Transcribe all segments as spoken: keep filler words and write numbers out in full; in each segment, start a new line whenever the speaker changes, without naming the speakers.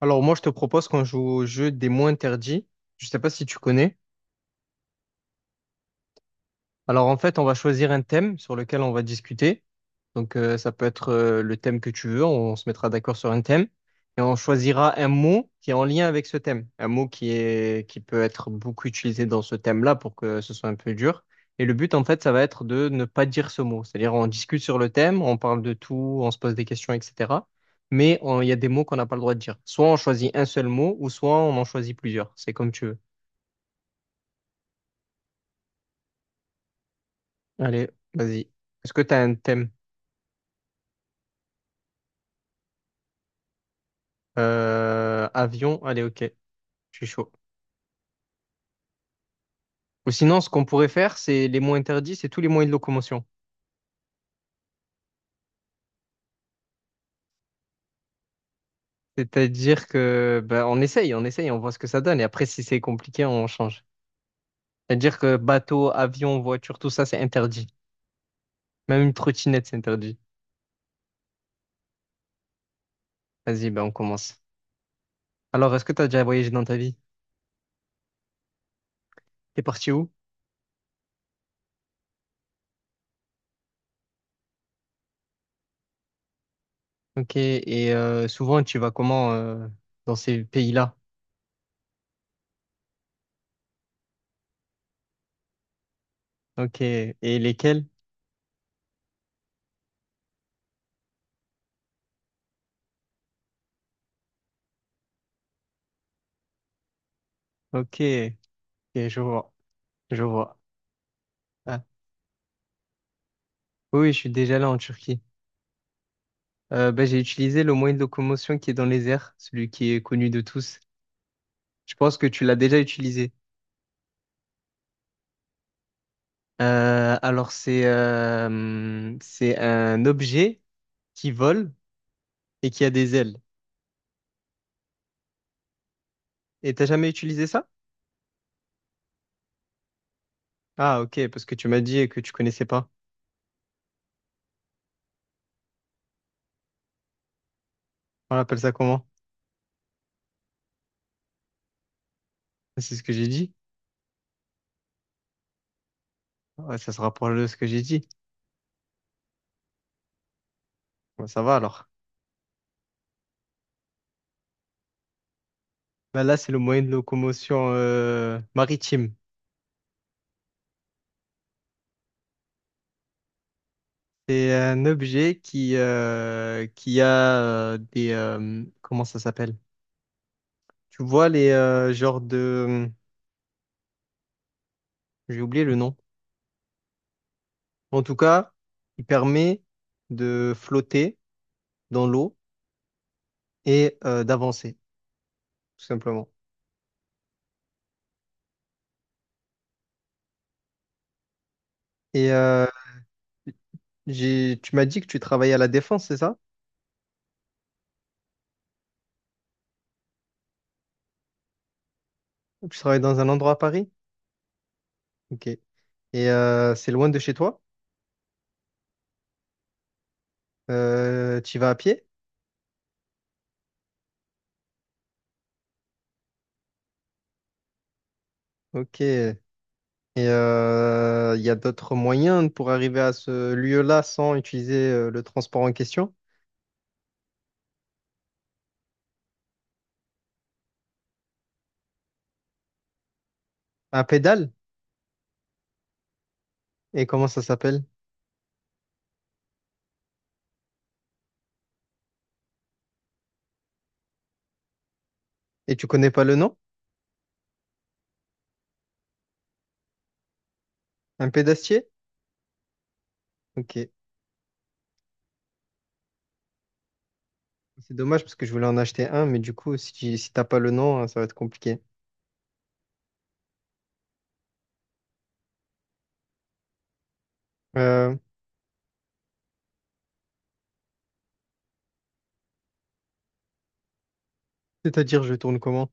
Alors moi, je te propose qu'on joue au jeu des mots interdits. Je sais pas si tu connais. Alors en fait, on va choisir un thème sur lequel on va discuter. Donc euh, ça peut être euh, le thème que tu veux, on se mettra d'accord sur un thème et on choisira un mot qui est en lien avec ce thème, un mot qui est qui peut être beaucoup utilisé dans ce thème-là pour que ce soit un peu dur. Et le but en fait, ça va être de ne pas dire ce mot. C'est-à-dire on discute sur le thème, on parle de tout, on se pose des questions, et cetera. Mais on- il y a des mots qu'on n'a pas le droit de dire. Soit on choisit un seul mot ou soit on en choisit plusieurs. C'est comme tu veux. Allez, vas-y. Est-ce que tu as un thème? Euh, avion, allez, ok, je suis chaud. Ou sinon, ce qu'on pourrait faire, c'est les mots interdits, c'est tous les moyens de locomotion. C'est-à-dire que ben, on essaye, on essaye, on voit ce que ça donne. Et après, si c'est compliqué, on change. C'est-à-dire que bateau, avion, voiture, tout ça, c'est interdit. Même une trottinette, c'est interdit. Vas-y, ben, on commence. Alors, est-ce que tu as déjà voyagé dans ta vie? T'es parti où? Ok, et euh, souvent, tu vas comment euh, dans ces pays-là? Ok, et lesquels? Ok, Ok, je vois, je vois. Ah. Oui, oui, je suis déjà là en Turquie. Euh, bah, j'ai utilisé le moyen de locomotion qui est dans les airs, celui qui est connu de tous. Je pense que tu l'as déjà utilisé. Euh, alors, c'est euh, c'est un objet qui vole et qui a des ailes. Et t'as jamais utilisé ça? Ah, ok, parce que tu m'as dit que tu connaissais pas. On appelle ça comment? Ah, c'est ce que j'ai dit. Ouais, ça se rapproche de ce que j'ai dit. Bah, ça va alors. Bah, là, c'est le moyen de locomotion euh, maritime. C'est un objet qui, euh, qui a euh, des... euh, comment ça s'appelle? Tu vois les euh, genres de... J'ai oublié le nom. En tout cas, il permet de flotter dans l'eau et euh, d'avancer, tout simplement. Et euh, j'ai... tu m'as dit que tu travaillais à la Défense, c'est ça? Tu travailles dans un endroit à Paris? Ok. Et euh, c'est loin de chez toi? Euh, tu y vas à pied? Ok. Et euh, il y a d'autres moyens pour arriver à ce lieu-là sans utiliser euh, le transport en question? Un pédale? Et comment ça s'appelle? Et tu connais pas le nom? Un pédastier? Ok. C'est dommage parce que je voulais en acheter un, mais du coup, si, tu- si t'as pas le nom, hein, ça va être compliqué. Euh, c'est-à-dire, je tourne comment?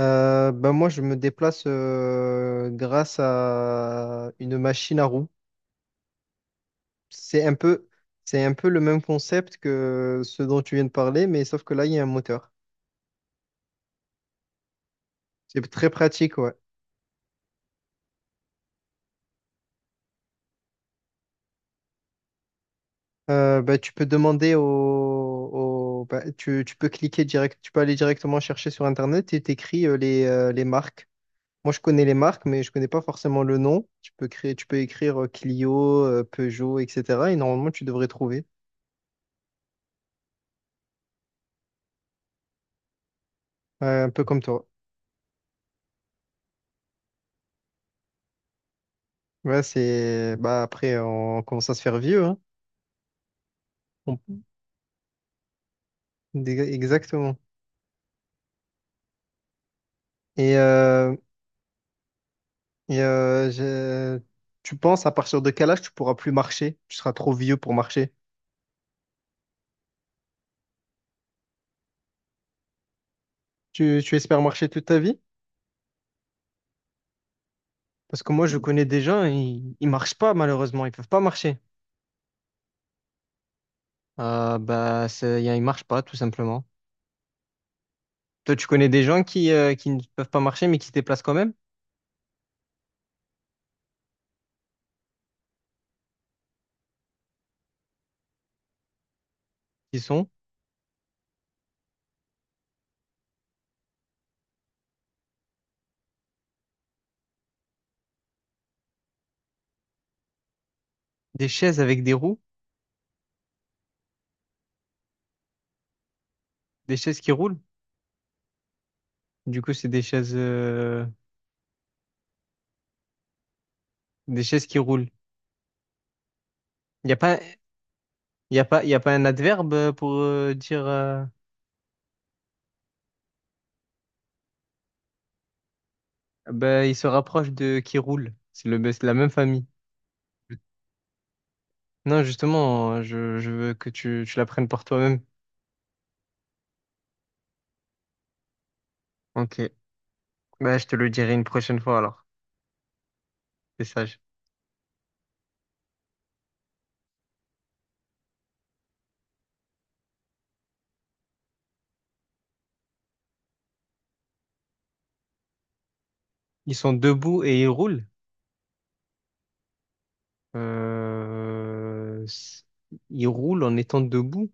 Euh, ben moi, je me déplace euh, grâce à une machine à roues. C'est un peu, c'est un peu le même concept que ce dont tu viens de parler, mais sauf que là, il y a un moteur. C'est très pratique, ouais. Euh, ben, tu peux demander au, au- ben, tu, tu peux cliquer direct, tu peux aller directement chercher sur Internet et t'écris euh, les, euh, les marques. Moi, je connais les marques, mais je connais pas forcément le nom. Tu peux créer, tu peux écrire euh, Clio, euh, Peugeot, et cetera. Et normalement, tu devrais trouver. Ouais, un peu comme toi. Ouais, c'est bah après, on commence à se faire vieux, hein. On- Dé- Exactement. Et, euh, et, euh, je- tu penses à partir de quel âge tu pourras plus marcher? Tu seras trop vieux pour marcher. Tu, tu espères marcher toute ta vie? Parce que moi, je connais des gens, ils, ils marchent pas malheureusement, ils peuvent pas marcher. Euh, bah, c'est- y a- ils marchent pas tout simplement. Toi, tu connais des gens qui, euh, qui ne peuvent pas marcher mais qui se déplacent quand même, qui sont des chaises avec des roues, des chaises qui roulent. Du coup, c'est des chaises, euh, des chaises qui roulent. Il n'y a pas, il y a pas, il y a pas un adverbe euh, pour euh, dire euh, ben, il se rapproche de qui roule. C'est le, c'est la même famille. Non, justement, je, je veux que tu, tu l'apprennes par toi-même. Ok. Bah, je te le dirai une prochaine fois alors. C'est sage. Ils sont debout et ils roulent. Euh, s- Ils roulent en étant debout.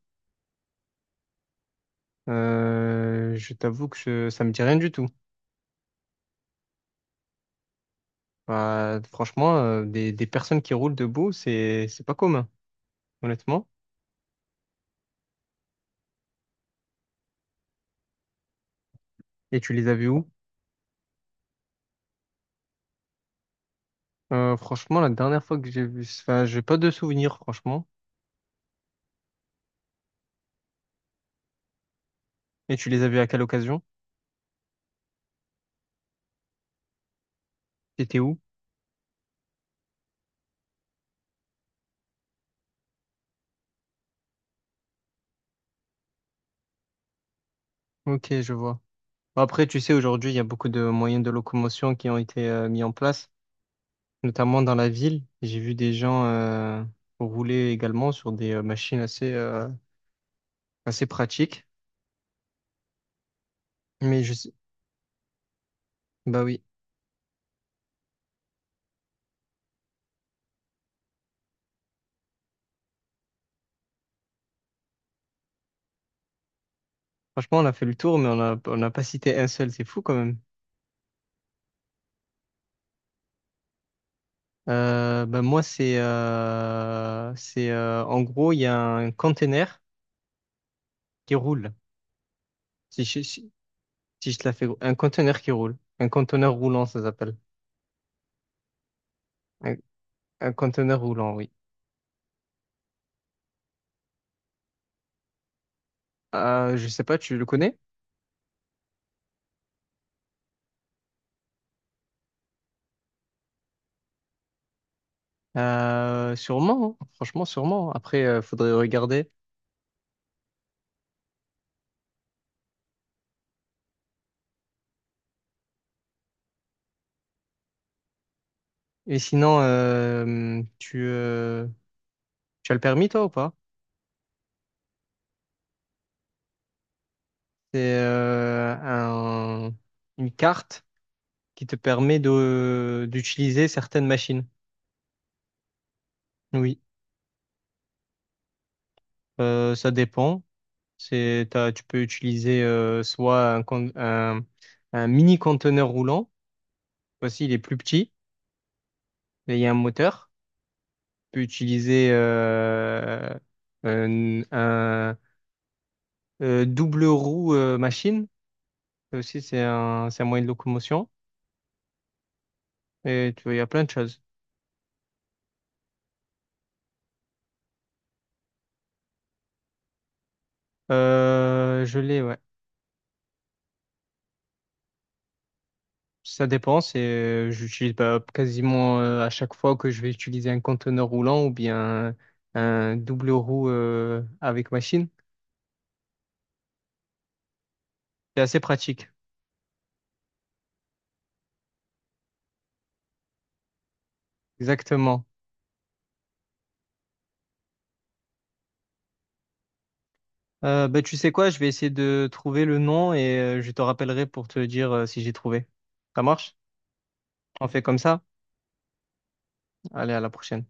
Euh, je t'avoue que je- ça me dit rien du tout. Bah, franchement, euh, des, des personnes qui roulent debout, c'est c'est pas commun, honnêtement. Et tu les as vues où? Euh, franchement, la dernière fois que j'ai vu, enfin, j'ai pas de souvenirs, franchement. Et tu les as vues à quelle occasion? C'était où? Ok, je vois. Bah, après, tu sais, aujourd'hui, il y a beaucoup de moyens de locomotion qui ont été euh, mis en place, notamment dans la ville. J'ai vu des gens euh, rouler également sur des euh, machines assez euh, assez pratiques. Mais je sais, bah oui. Franchement, on a fait le tour, mais on a, on n'a pas cité un seul, c'est fou quand même. Euh, ben moi, c'est euh, c'est euh, en gros, il y a un conteneur qui roule. Si je, si, si je te la fais, gros. Un conteneur qui roule, un conteneur roulant, ça s'appelle. Un, un conteneur roulant, oui. Euh, je sais pas, tu le connais? Euh, sûrement, hein. Franchement, sûrement. Après, euh, faudrait regarder. Et sinon, euh, tu, euh, tu as le permis, toi, ou pas? C'est euh, un- une carte qui te permet de d'utiliser certaines machines. Oui. Euh, ça dépend. C'est, t'as- tu peux utiliser euh, soit un, con- un, un mini conteneur roulant, voici il est plus petit, et il y a un moteur. Tu peux utiliser euh, un, un, euh, double roue euh, machine. Ça aussi c'est un, c'est un moyen de locomotion. Et tu vois, il y a plein de choses. Euh, je l'ai, ouais. Ça dépend, c'est euh, j'utilise bah, quasiment euh, à chaque fois que je vais utiliser un conteneur roulant ou bien un double roue euh, avec machine. C'est assez pratique. Exactement. Euh, bah, tu sais quoi, je vais essayer de trouver le nom et euh, je te rappellerai pour te dire euh, si j'ai trouvé. Ça marche? On fait comme ça? Allez, à la prochaine.